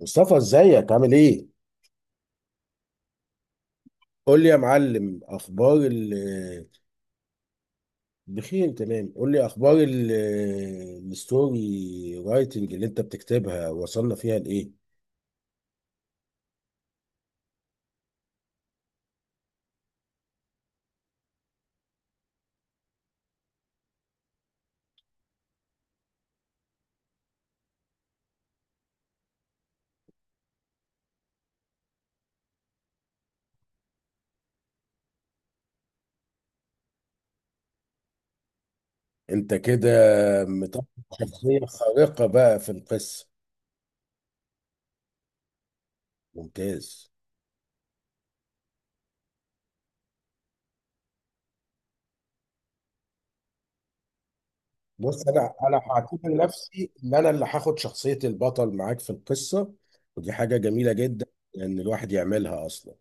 مصطفى ازيك عامل ايه؟ قول لي يا معلم اخبار ال بخير تمام. قول لي اخبار ال الستوري رايتنج اللي انت بتكتبها وصلنا فيها لايه؟ انت كده مطلع شخصية خارقة بقى في القصة. ممتاز. بص انا هعتبر نفسي ان انا اللي هاخد شخصية البطل معاك في القصة، ودي حاجة جميلة جدا ان الواحد يعملها اصلا.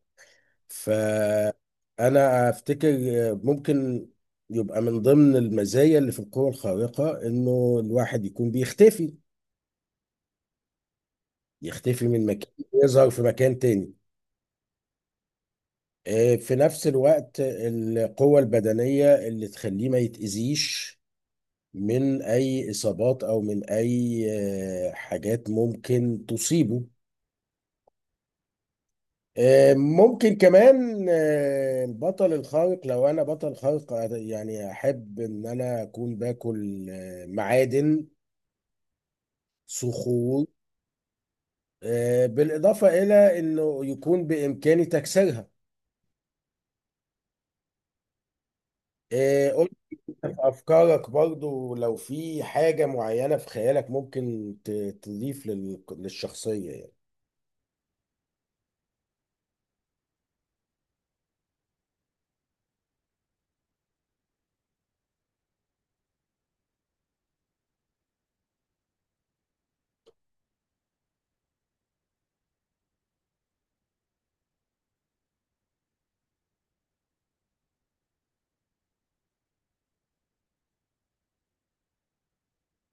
فأنا أفتكر ممكن يبقى من ضمن المزايا اللي في القوة الخارقة إنه الواحد يكون بيختفي، يختفي من مكان، يظهر في مكان تاني. في نفس الوقت القوة البدنية اللي تخليه ما يتأذيش من أي إصابات أو من أي حاجات ممكن تصيبه. ممكن كمان البطل الخارق، لو انا بطل خارق، يعني احب ان انا اكون باكل معادن، صخور، بالاضافه الى انه يكون بامكاني تكسيرها. قول لي في افكارك برضو لو في حاجه معينه في خيالك ممكن تضيف للشخصيه يعني.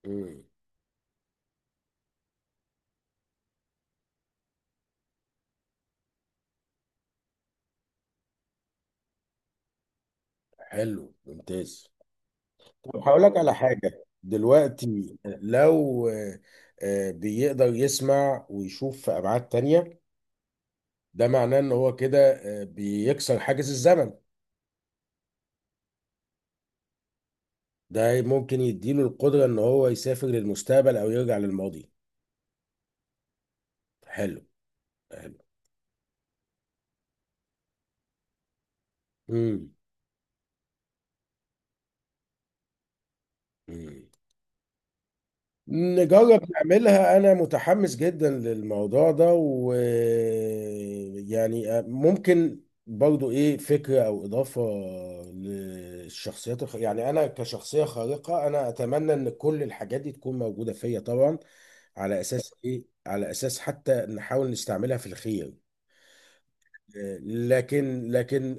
مم، حلو، ممتاز. طب هقول لك على حاجة دلوقتي. لو بيقدر يسمع ويشوف في أبعاد تانية، ده معناه إن هو كده بيكسر حاجز الزمن. ده ممكن يديله القدرة إن هو يسافر للمستقبل أو يرجع للماضي. حلو، حلو. مم. مم. نجرب نعملها، أنا متحمس جدا للموضوع ده. ويعني ممكن برضو إيه فكرة أو إضافة للشخصيات الخ... يعني أنا كشخصية خارقة أنا أتمنى إن كل الحاجات دي تكون موجودة فيا طبعا، على أساس إيه، على أساس حتى نحاول نستعملها في الخير. لكن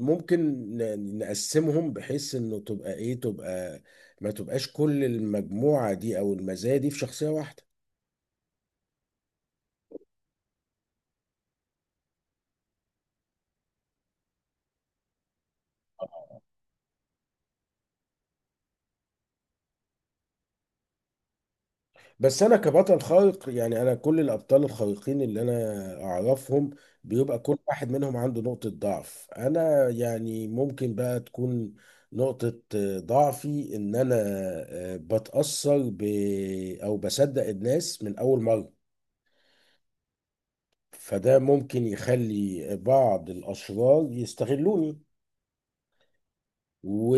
ممكن نقسمهم بحيث انه تبقى ايه، تبقى ما تبقاش كل المجموعة دي او المزايا دي في شخصية واحدة. بس انا كبطل خارق، يعني انا كل الابطال الخارقين اللي انا اعرفهم بيبقى كل واحد منهم عنده نقطة ضعف. انا يعني ممكن بقى تكون نقطة ضعفي ان انا بتأثر ب او بصدق الناس من اول مرة، فده ممكن يخلي بعض الاشرار يستغلوني و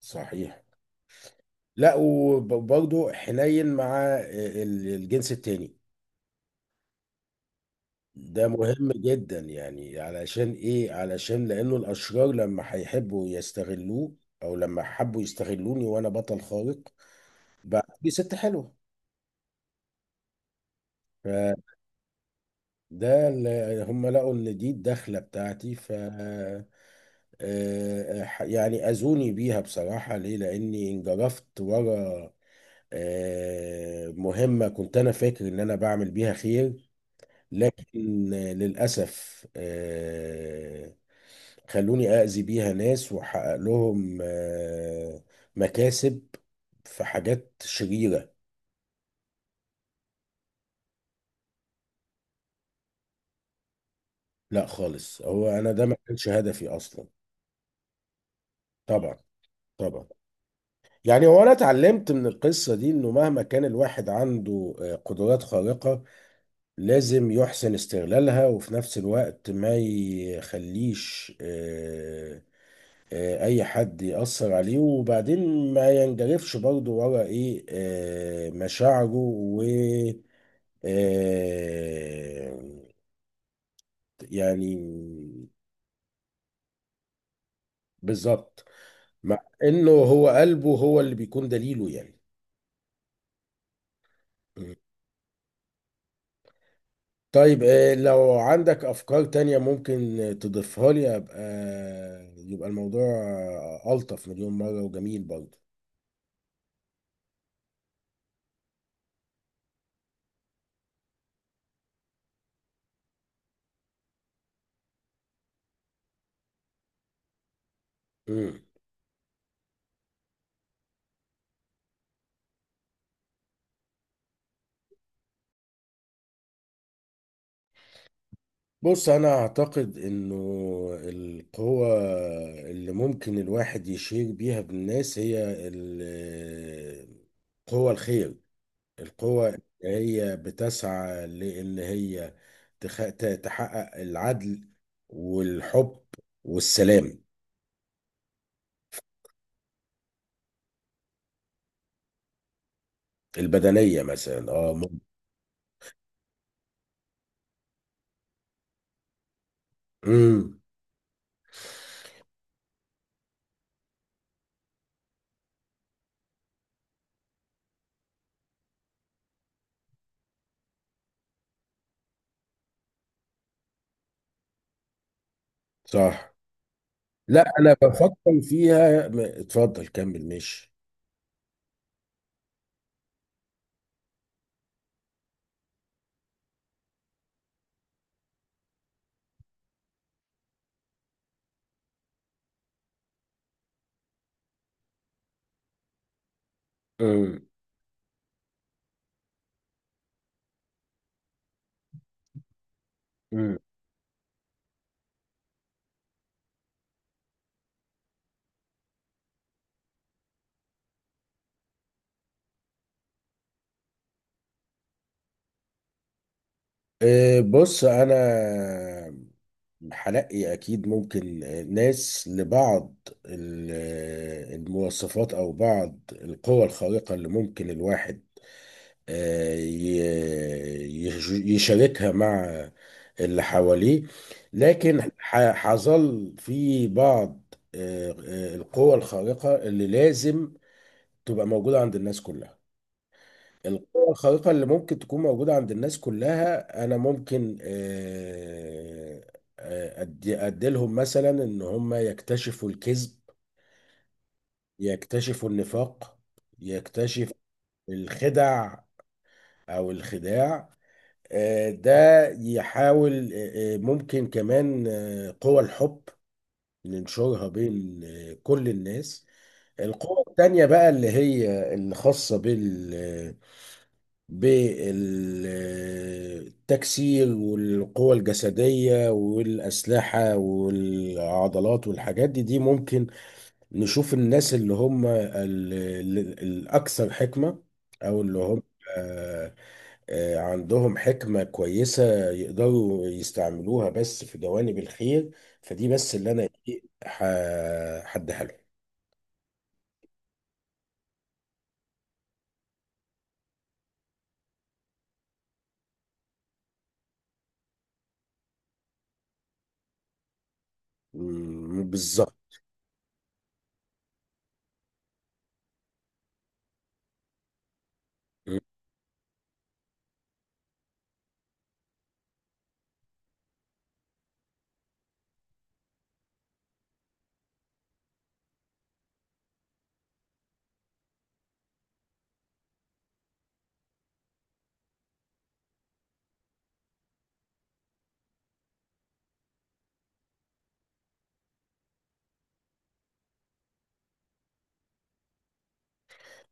صحيح. لا، وبرضه حنين مع الجنس التاني. ده مهم جدا يعني، علشان ايه، علشان لانه الاشرار لما هيحبوا يستغلوه او لما حبوا يستغلوني وانا بطل خارق، بقى دي ست حلوه. فده اللي هم لقوا ان دي الدخله بتاعتي، ف يعني اذوني بيها بصراحه. ليه؟ لاني انجرفت ورا مهمه كنت انا فاكر ان انا بعمل بيها خير، لكن للاسف خلوني أأذي بيها ناس وأحقق لهم مكاسب في حاجات شريرة. لا خالص، هو أنا ده ما كانش هدفي أصلا. طبعا، طبعا. يعني هو أنا اتعلمت من القصة دي إنه مهما كان الواحد عنده قدرات خارقة لازم يحسن استغلالها، وفي نفس الوقت ما يخليش اي حد يأثر عليه، وبعدين ما ينجرفش برضه ورا ايه مشاعره و آه، يعني بالظبط. مع انه هو قلبه هو اللي بيكون دليله يعني. م. طيب لو عندك افكار تانية ممكن تضيفها لي ابقى يبقى الموضوع الطف مليون مرة وجميل برضه. م. بص انا اعتقد انه القوة اللي ممكن الواحد يشير بيها بالناس هي قوة الخير، القوة اللي هي بتسعى لان هي تحقق العدل والحب والسلام. البدنية مثلا، اه ممكن. امم، صح. لا انا بفكر فيها. اتفضل كمل، ماشي. امم. امم. إيه، بص انا هلاقي اكيد ممكن ناس لبعض ال- المواصفات او بعض القوى الخارقة اللي ممكن الواحد آه، ي- يشاركها مع اللي حواليه. لكن حظل في بعض القوى الخارقة اللي لازم تبقى موجودة عند الناس كلها. القوة الخارقة اللي ممكن تكون موجودة عند الناس كلها أنا ممكن أديلهم مثلا إن هم يكتشفوا الكذب، يكتشفوا النفاق، يكتشفوا الخدع أو الخداع. ده يحاول ممكن كمان قوى الحب ننشرها بين كل الناس. القوة التانية بقى اللي هي الخاصة بالتكسير والقوة الجسدية والأسلحة والعضلات والحاجات دي، ممكن نشوف الناس اللي هم الأكثر حكمة، أو اللي هم آه، عندهم حكمة كويسة يقدروا يستعملوها بس في جوانب الخير، فدي بس اللي أنا إيه هديها لهم. مم، بالظبط.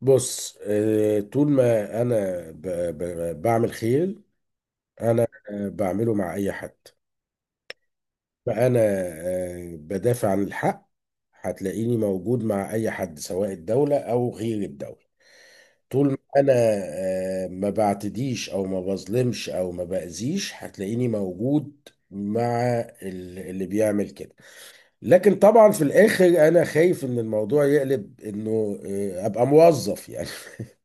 بص طول ما انا ب- بعمل خير انا بعمله مع اي حد. ما انا بدافع عن الحق، هتلاقيني موجود مع اي حد سواء الدولة او غير الدولة. طول ما انا ما بعتديش او ما بظلمش او ما باذيش هتلاقيني موجود مع اللي بيعمل كده. لكن طبعا في الاخر انا خايف ان الموضوع يقلب انه ابقى موظف يعني.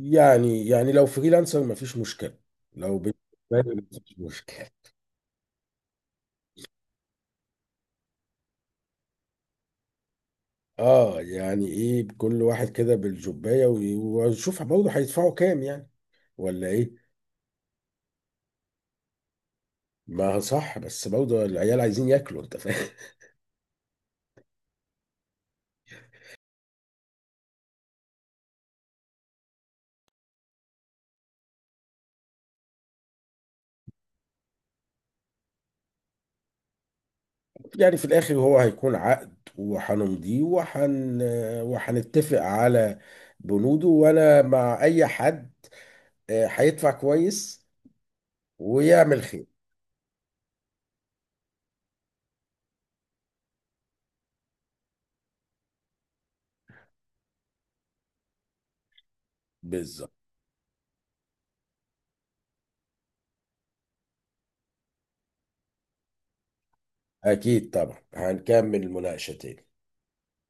يعني لو فريلانسر مفيش مشكلة، لو بالنسبة لي مفيش مشكلة. اه يعني ايه، كل واحد كده بالجوباية، ونشوف برضه هيدفعوا كام يعني، ولا ايه؟ ما هو صح، بس برضه العيال عايزين ياكلوا، انت فاهم. يعني في الاخر هو هيكون عقد وهنمضيه وهنتفق على بنوده، وانا مع اي حد هيدفع كويس ويعمل خير. بالظبط. اكيد طبعا هنكمل المناقشة تاني.